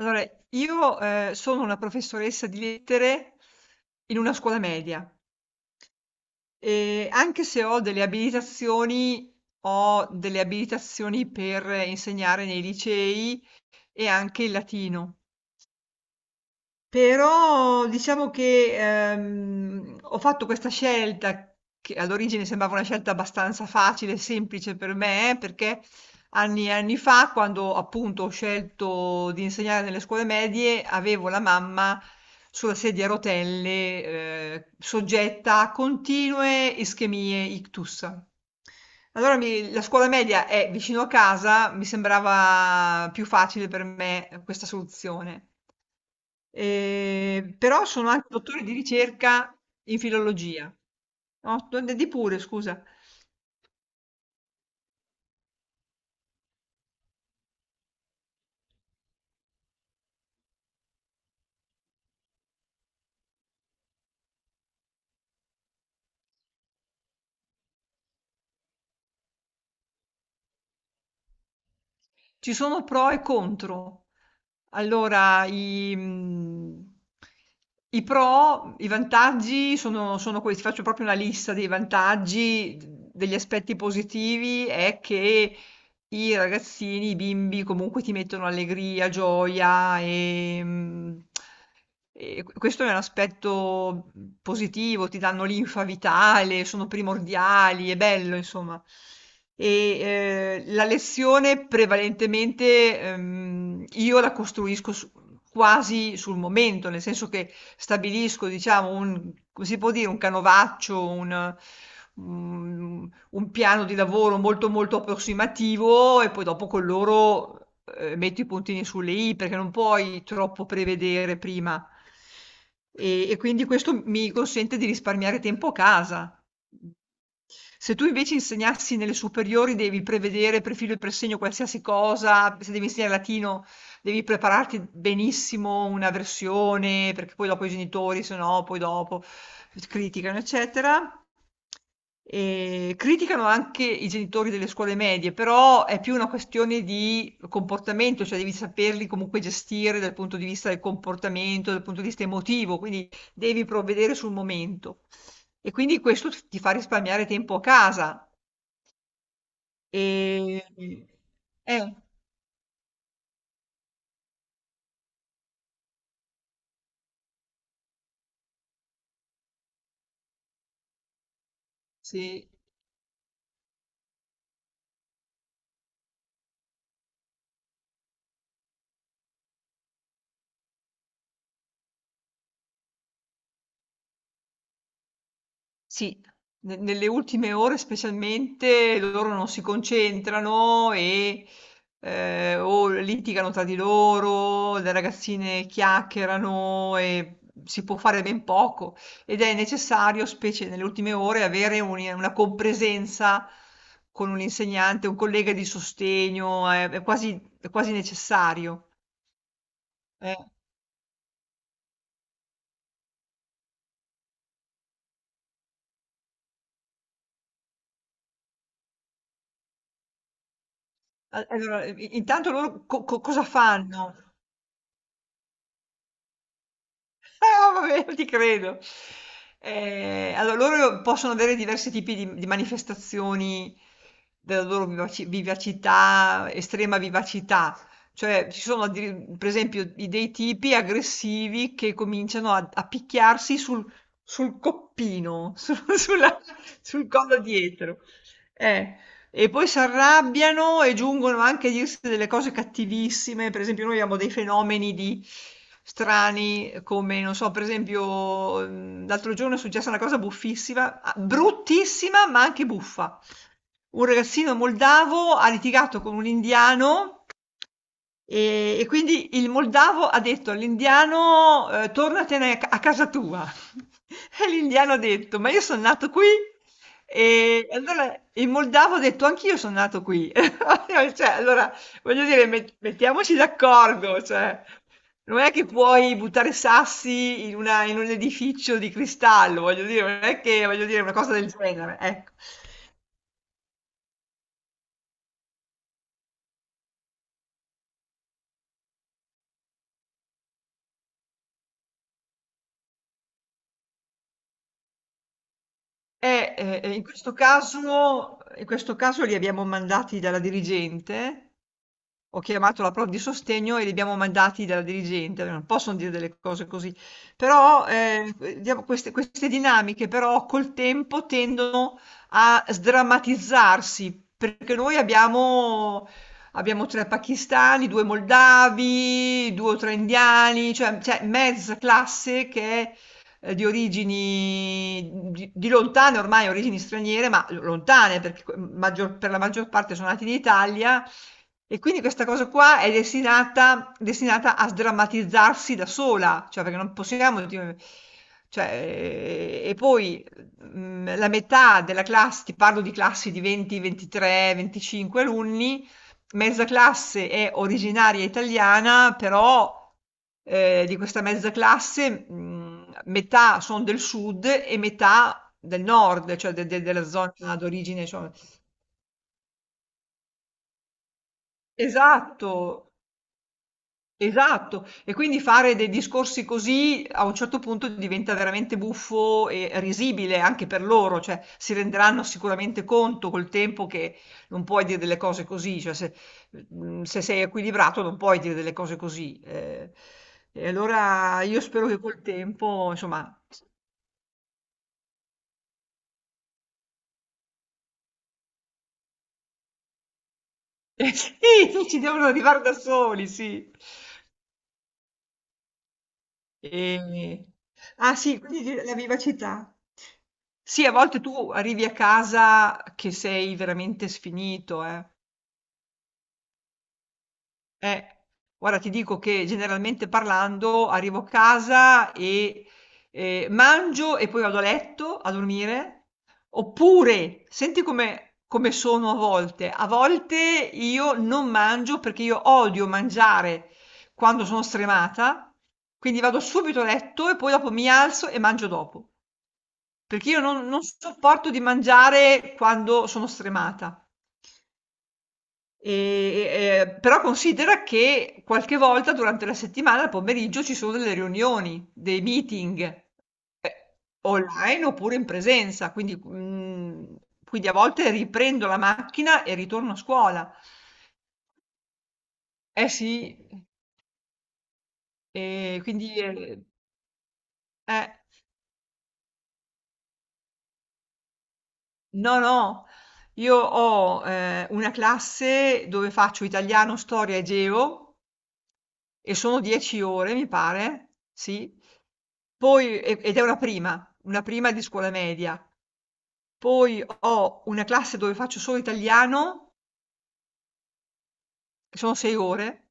Allora, io, sono una professoressa di lettere in una scuola media e anche se ho delle abilitazioni, ho delle abilitazioni per insegnare nei licei e anche il latino. Però diciamo che, ho fatto questa scelta che all'origine sembrava una scelta abbastanza facile e semplice per me, perché anni e anni fa, quando appunto ho scelto di insegnare nelle scuole medie, avevo la mamma sulla sedia a rotelle, soggetta a continue ischemie ictus. La scuola media è vicino a casa, mi sembrava più facile per me questa soluzione. Però sono anche dottore di ricerca in filologia. No, d di pure, scusa. Ci sono pro e contro. Allora, i pro, i vantaggi sono questi. Faccio proprio una lista dei vantaggi, d degli aspetti positivi è che, i ragazzini, i bimbi comunque ti mettono allegria, gioia e, e questo è un aspetto positivo, ti danno linfa vitale, sono primordiali, è bello, insomma. La lezione prevalentemente io la costruisco quasi sul momento, nel senso che stabilisco, diciamo, un, come si può dire, un canovaccio, mm, un piano di lavoro molto molto approssimativo e poi dopo con loro metto i puntini sulle i perché non puoi troppo prevedere prima. E quindi questo mi consente di risparmiare tempo a casa. Se tu invece insegnassi nelle superiori devi prevedere profilo e presegno qualsiasi cosa, se devi insegnare latino devi prepararti benissimo una versione, perché poi dopo i genitori, se no, poi dopo criticano, eccetera. Criticano anche i genitori delle scuole medie, però è più una questione di comportamento, cioè devi saperli comunque gestire dal punto di vista del comportamento, dal punto di vista emotivo, quindi devi provvedere sul momento. E quindi questo t ti fa risparmiare tempo a casa. Ehm eh, sì. Sì, ne nelle ultime ore specialmente loro non si concentrano e, o litigano tra di loro, le ragazzine chiacchierano e si può fare ben poco ed è necessario, specie nelle ultime ore, avere un una compresenza con un insegnante, un collega di sostegno, è quasi è quasi necessario. Eh, a allora i intanto loro co co cosa fanno? Ah, vabbè, ti credo. Allora, loro possono avere diversi tipi di manifestazioni della loro vivacità, estrema vivacità. Cioè, ci sono, per esempio, dei tipi aggressivi che cominciano a picchiarsi sul coppino, sul collo dietro. Eh, e poi si arrabbiano e giungono anche a dirsi delle cose cattivissime. Per esempio, noi abbiamo dei fenomeni di strani, come non so, per esempio, l'altro giorno è successa una cosa buffissima, ah, bruttissima, ma anche buffa. Un ragazzino moldavo ha litigato con un indiano. E quindi il moldavo ha detto all'indiano, "Tornatene a casa tua". E l'indiano ha detto: "Ma io son nato qui". E allora il moldavo ha detto: "Anch'io son nato qui". Cioè, allora voglio dire mettiamoci d'accordo, cioè non è che puoi buttare sassi in una in un edificio di cristallo, voglio dire, non è che voglio dire una cosa del genere, ecco. In questo caso li abbiamo mandati dalla dirigente, ho chiamato la prof di sostegno e li abbiamo mandati dalla dirigente, non possono dire delle cose così. Però, diamo queste dinamiche però col tempo tendono a sdrammatizzarsi, perché noi abbiamo 3 pakistani, 2 moldavi, 2 o 3 indiani, cioè mezza classe che è, di origini di lontane ormai origini straniere, ma l lontane perché co maggior per la maggior parte sono nati in Italia, e quindi questa cosa qua è destinata a sdrammatizzarsi da sola, cioè perché non possiamo di cioè, e poi, la metà della classe ti parlo di classi di 20, 23, 25 alunni, mezza classe è originaria italiana, però, di questa mezza classe, metà son del sud e metà del nord, cioè de de della zona d'origine, insomma esatto. Esatto, e quindi fare dei discorsi così a un certo punto diventa veramente buffo e risibile anche per loro, cioè si renderanno sicuramente conto col tempo che non puoi dire delle cose così, cioè se, se sei equilibrato non puoi dire delle cose così. Eh. E allora io spero che col tempo, insomma, sì, ci devono arrivare da soli, sì. Ehm, ah sì, quindi di la vivacità. Sì, a volte tu arrivi a casa che sei veramente sfinito, eh. Eh, guarda, ti dico che generalmente parlando arrivo a casa e mangio e poi vado a letto a dormire, oppure senti come, come sono a volte. A volte io non mangio perché io odio mangiare quando sono stremata, quindi vado subito a letto e poi dopo mi alzo e mangio dopo, perché io non sopporto di mangiare quando sono stremata. Però considera che qualche volta durante la settimana al pomeriggio ci sono delle riunioni, dei meeting, eh, online oppure in presenza, quindi, quindi a volte riprendo la macchina e ritorno a scuola. Eh sì, e quindi eh, no, no, io ho, una classe dove faccio italiano, storia e geo. E sono 10 ore mi pare, sì. Poi ed è una prima di scuola media. Poi ho una classe dove faccio solo italiano, che sono 6 ore,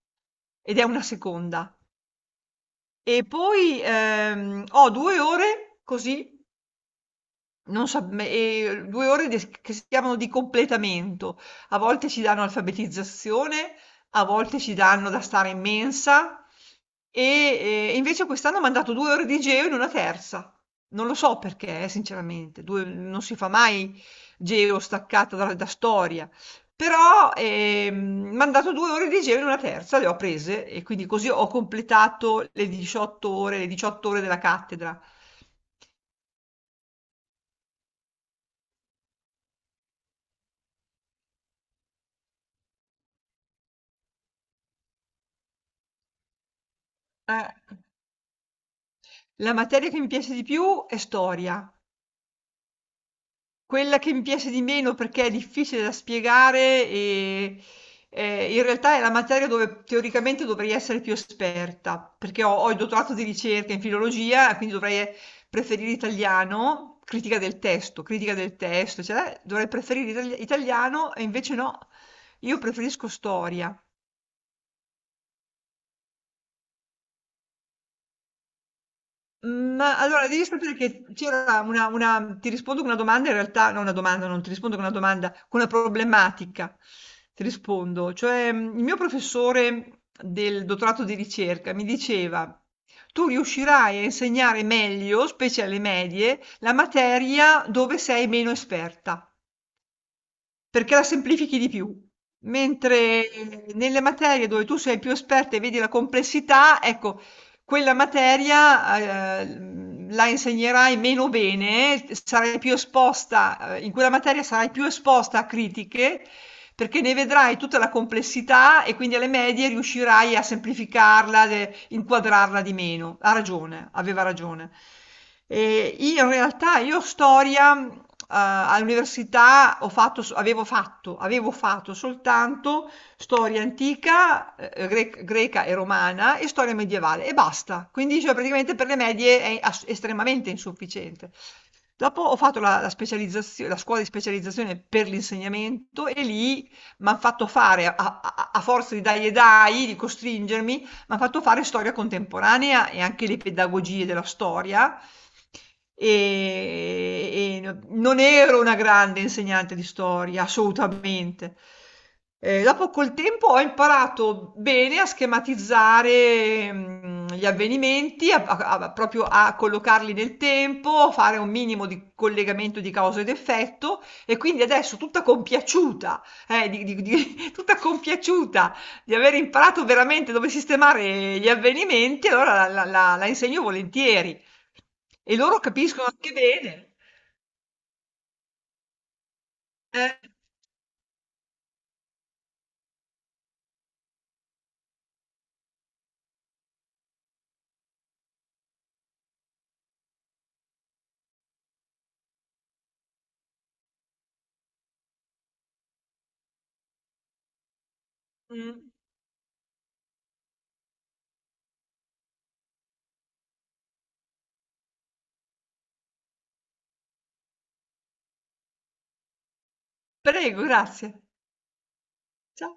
ed è una seconda. E poi, ho 2 ore così. Non sa me 2 ore des che si chiamano di completamento. A volte ci danno alfabetizzazione, a volte ci danno da stare in mensa e invece quest'anno m'han dato 2 ore di geo in una terza. Non lo so perché sinceramente, 2 non si fa mai geo staccata da storia, però, m'han dato 2 ore di geo in una terza, le ho prese e quindi così ho completato le 18 ore le 18 ore della cattedra. Eh. La materia che mi piace di più è storia. Quella che mi piace di meno perché è difficile da spiegare e in realtà è la materia dove teoricamente dovrei essere più esperta, perché ho il dottorato di ricerca in filologia, quindi dovrei preferire italiano, critica del testo, cioè dovrei preferire italiano e invece no, io preferisco storia. Mhmm, ma allora devi sapere che c'era una ti rispondo con una domanda in realtà no, una domanda, non ti rispondo con una domanda, con una problematica ti rispondo. Cioè, il mio professore del dottorato di ricerca mi diceva: "Tu riuscirai a insegnare meglio, specie alle medie, la materia dove sei meno esperta". Perché la semplifichi di più. Mentre nelle materie dove tu sei più esperta e vedi la complessità, ecco, quella materia, la insegnerai meno bene, sarai più esposta, in quella materia sarai più esposta a critiche perché ne vedrai tutta la complessità e quindi alle medie riuscirai a semplificarla, inquadrarla di meno. Ha ragione, aveva ragione. E in realtà io storia all'università ho fatto, avevo fatto soltanto storia antica, greca e romana e storia medievale e basta. Quindi cioè, praticamente per le medie è estremamente insufficiente. Dopo ho fatto la la scuola di specializzazione per l'insegnamento e lì m'han fatto fare, a forza di dai e dai, di costringermi, mi hanno fatto fare storia contemporanea e anche le pedagogie della storia. Non ero una grande insegnante di storia, assolutamente. Dopo col tempo ho imparato bene a schematizzare gli avvenimenti, proprio a collocarli nel tempo, fare un minimo di collegamento di causa ed effetto e quindi adesso tutta compiaciuta di tutta compiaciuta di aver imparato veramente dove sistemare gli avvenimenti, allora la insegno volentieri. E loro capiscono anche bene. Eh, mh. Prego, grazie. Cia